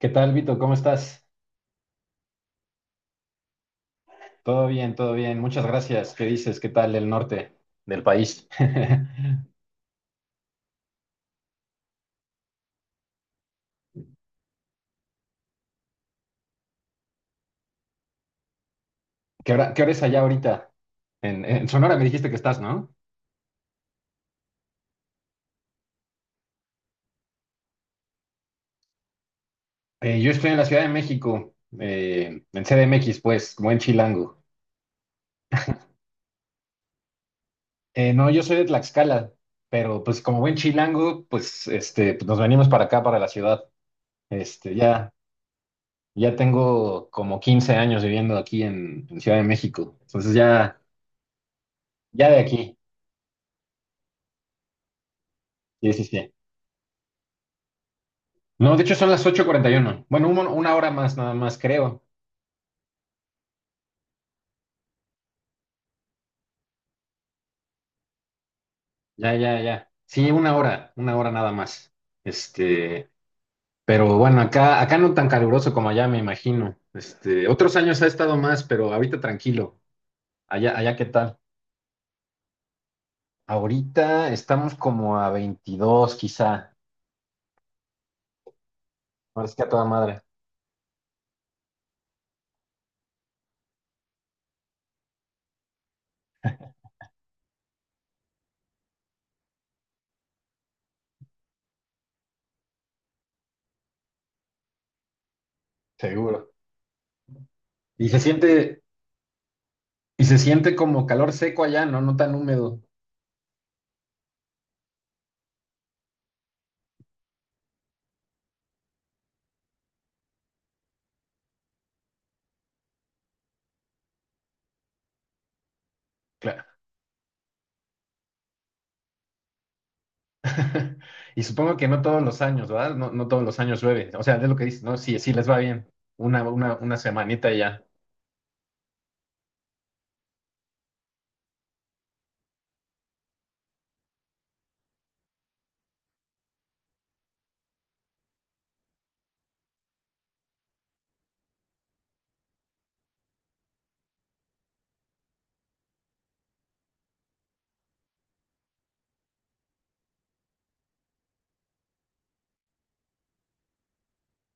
¿Qué tal, Vito? ¿Cómo estás? Todo bien, todo bien. Muchas gracias. ¿Qué dices? ¿Qué tal el norte del país? ¿Qué hora es allá ahorita? En Sonora me dijiste que estás, ¿no? Yo estoy en la Ciudad de México, en CDMX, pues, buen chilango. No, yo soy de Tlaxcala, pero pues como buen chilango, pues, este, pues, nos venimos para acá, para la ciudad. Este, ya, ya tengo como 15 años viviendo aquí en Ciudad de México. Entonces ya de aquí. Sí, sí, sí. No, de hecho son las 8:41. Bueno, una hora más nada más, creo. Ya, ya, ya. Sí, una hora nada más. Este, pero bueno, acá no tan caluroso como allá, me imagino. Otros años ha estado más, pero ahorita tranquilo. Allá, ¿qué tal? Ahorita estamos como a 22 quizá. Ahora es que a toda madre. Seguro. Y se siente, y se siente como calor seco allá, ¿no? No tan húmedo. Y supongo que no todos los años, ¿verdad? No todos los años llueve. O sea, es lo que dices, ¿no? Sí, sí les va bien. Una semanita y ya.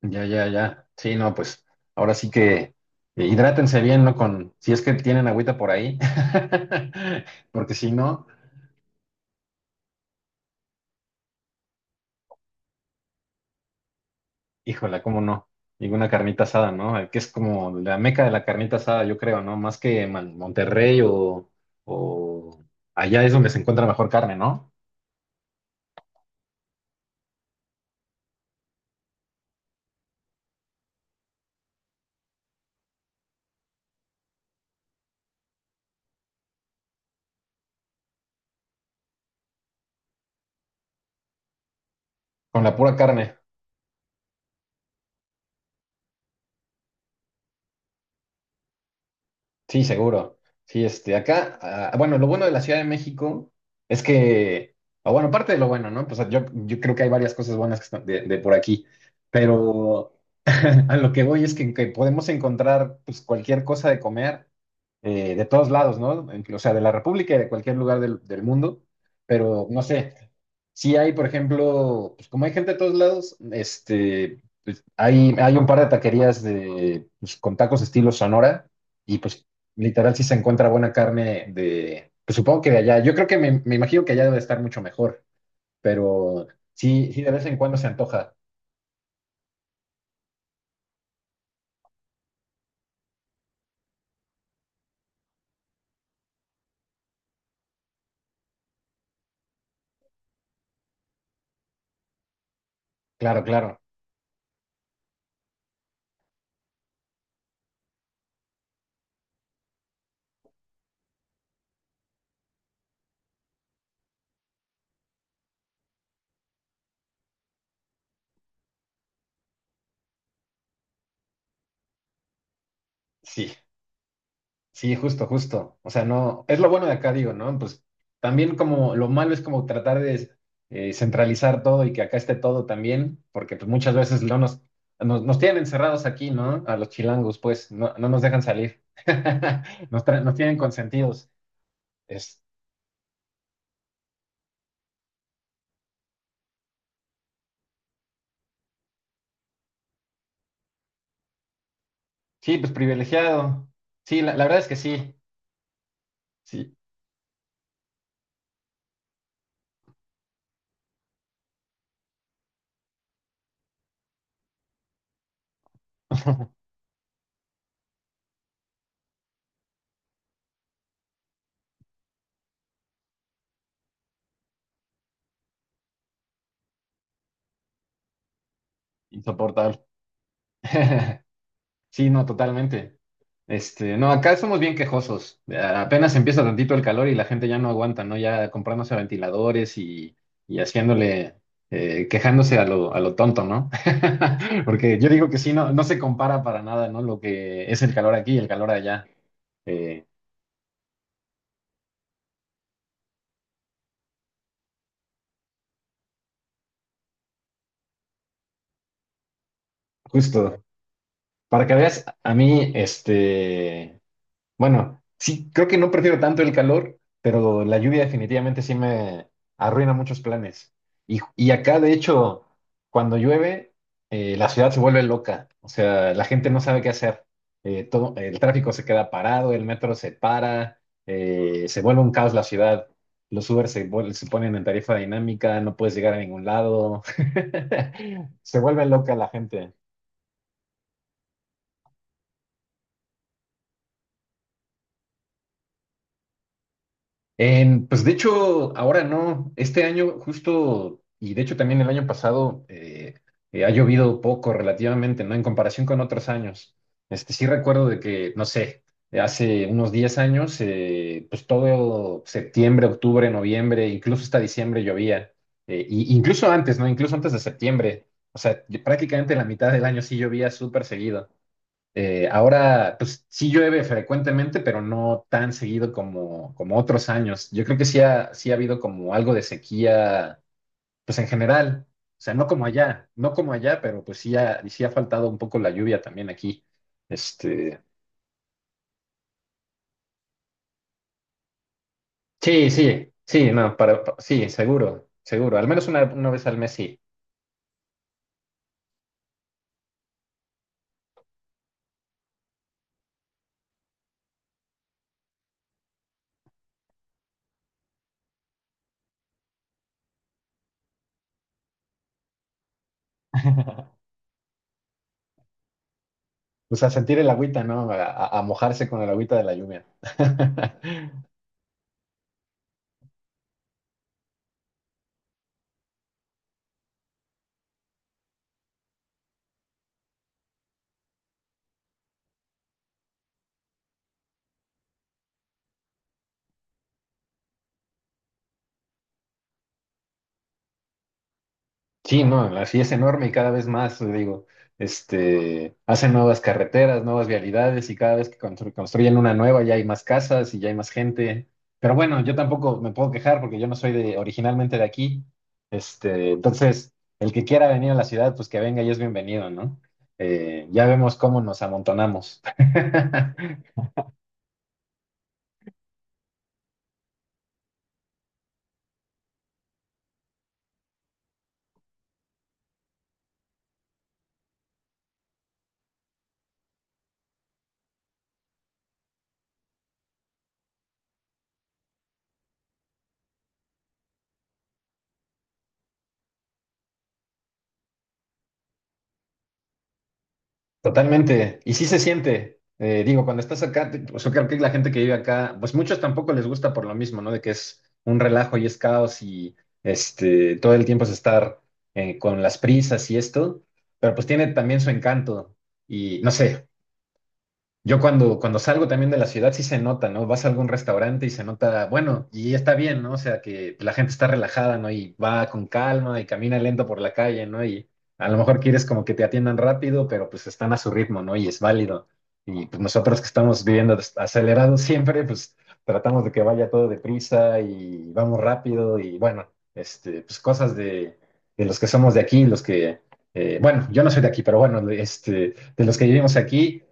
Ya, ya, ya. Sí, no, pues ahora sí que hidrátense bien, ¿no? Con, si es que tienen agüita por ahí. Porque si no, híjola, ¿cómo no? Y una carnita asada, ¿no? Que es como la meca de la carnita asada, yo creo, ¿no? Más que Monterrey o allá es donde se encuentra mejor carne, ¿no? Con la pura carne. Sí, seguro. Sí, acá, ah, bueno, lo bueno de la Ciudad de México es que, o bueno, parte de lo bueno, ¿no? Pues yo creo que hay varias cosas buenas que están de por aquí, pero a lo que voy es que podemos encontrar pues cualquier cosa de comer de todos lados, ¿no? O sea, de la República y de cualquier lugar del mundo, pero no sé, si hay, por ejemplo, pues como hay gente de todos lados, pues hay un par de taquerías de, pues, con tacos estilo Sonora y pues literal sí se encuentra buena carne de, pues supongo que de allá, yo creo que me imagino que allá debe estar mucho mejor, pero sí de vez en cuando se antoja, claro, claro, sí. Sí, justo, justo. O sea, no, es lo bueno de acá, digo, ¿no? Pues también como lo malo es como tratar de centralizar todo y que acá esté todo también, porque pues muchas veces no nos tienen encerrados aquí, ¿no? A los chilangos, pues, no nos dejan salir. Nos tienen consentidos. Es, sí, pues privilegiado. Sí, la verdad es que sí, sí. Insoportable. Sí, no, totalmente. No, acá somos bien quejosos. Apenas empieza tantito el calor y la gente ya no aguanta, ¿no? Ya comprándose ventiladores y haciéndole, quejándose a lo tonto, ¿no? Porque yo digo que sí, no se compara para nada, ¿no? Lo que es el calor aquí y el calor allá. Eh, Justo. Para que veas, a mí, bueno, sí, creo que no prefiero tanto el calor, pero la lluvia definitivamente sí me arruina muchos planes. Y acá, de hecho, cuando llueve, la ciudad se vuelve loca. O sea, la gente no sabe qué hacer. Todo, el tráfico se queda parado, el metro se para, se vuelve un caos la ciudad. Los Uber se ponen en tarifa dinámica, no puedes llegar a ningún lado. Se vuelve loca la gente. Pues de hecho, ahora no, este año justo, y de hecho también el año pasado, ha llovido poco relativamente, ¿no? En comparación con otros años. Sí recuerdo de que, no sé, hace unos 10 años, pues todo septiembre, octubre, noviembre, incluso hasta diciembre llovía. Y incluso antes, ¿no? Incluso antes de septiembre. O sea, prácticamente la mitad del año sí llovía súper seguido. Ahora, pues sí llueve frecuentemente, pero no tan seguido como otros años. Yo creo que sí ha habido como algo de sequía, pues en general. O sea, no como allá, no como allá, pero pues sí ha faltado un poco la lluvia también aquí. Este, sí, sí, sí, no, sí, seguro, seguro. Al menos una vez al mes sí. O sea, sentir el agüita, ¿no? A mojarse con el agüita de la lluvia. Sí, no, sí es enorme y cada vez más, te digo, hacen nuevas carreteras, nuevas vialidades y cada vez que construyen una nueva ya hay más casas y ya hay más gente. Pero bueno, yo tampoco me puedo quejar porque yo no soy originalmente de aquí. Entonces, el que quiera venir a la ciudad, pues que venga y es bienvenido, ¿no? Ya vemos cómo nos amontonamos. Totalmente. Y sí se siente. Digo, cuando estás acá, pues yo creo que la gente que vive acá, pues muchos tampoco les gusta por lo mismo, ¿no? De que es un relajo y es caos y todo el tiempo es estar con las prisas y esto, pero pues tiene también su encanto. Y no sé, yo cuando salgo también de la ciudad sí se nota, ¿no? Vas a algún restaurante y se nota, bueno, y está bien, ¿no? O sea, que la gente está relajada, ¿no? Y va con calma y camina lento por la calle, ¿no? Y a lo mejor quieres como que te atiendan rápido, pero pues están a su ritmo, ¿no? Y es válido. Y pues nosotros que estamos viviendo acelerados siempre, pues tratamos de que vaya todo deprisa y vamos rápido y bueno, pues cosas de los que somos de aquí, los que, bueno, yo no soy de aquí, pero bueno, de los que vivimos aquí,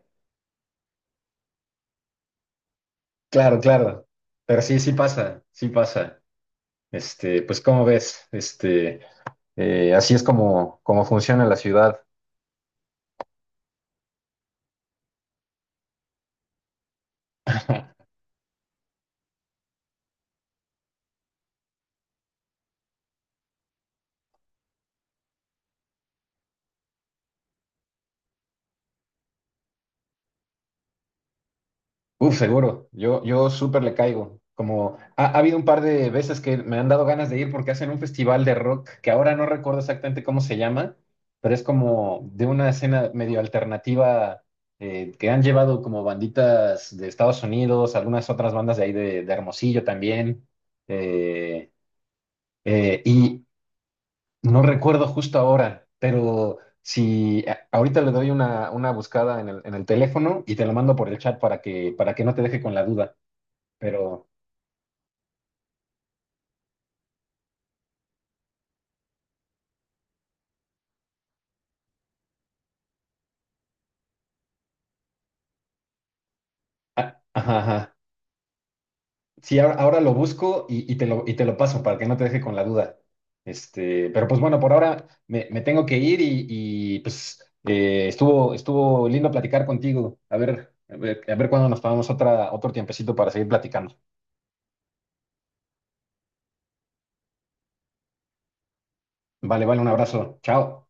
claro, claro. Pero sí, sí pasa, sí pasa. Pues como ves, así es como funciona la ciudad. Uf, seguro. Yo súper le caigo. Como ha habido un par de veces que me han dado ganas de ir porque hacen un festival de rock que ahora no recuerdo exactamente cómo se llama, pero es como de una escena medio alternativa que han llevado como banditas de Estados Unidos, algunas otras bandas de ahí de Hermosillo también. Eh, eh, y, No recuerdo justo ahora, pero si a- ahorita le doy una buscada en el teléfono y te lo mando por el chat para que no te deje con la duda. Pero, ah, ajá, ajá. Sí, ahora lo busco y te lo paso para que no te deje con la duda. Pero pues bueno, por ahora me tengo que ir pues estuvo lindo platicar contigo. A ver, a ver, a ver cuándo nos tomamos otra, otro tiempecito para seguir platicando. Vale, vale, un abrazo. Chao.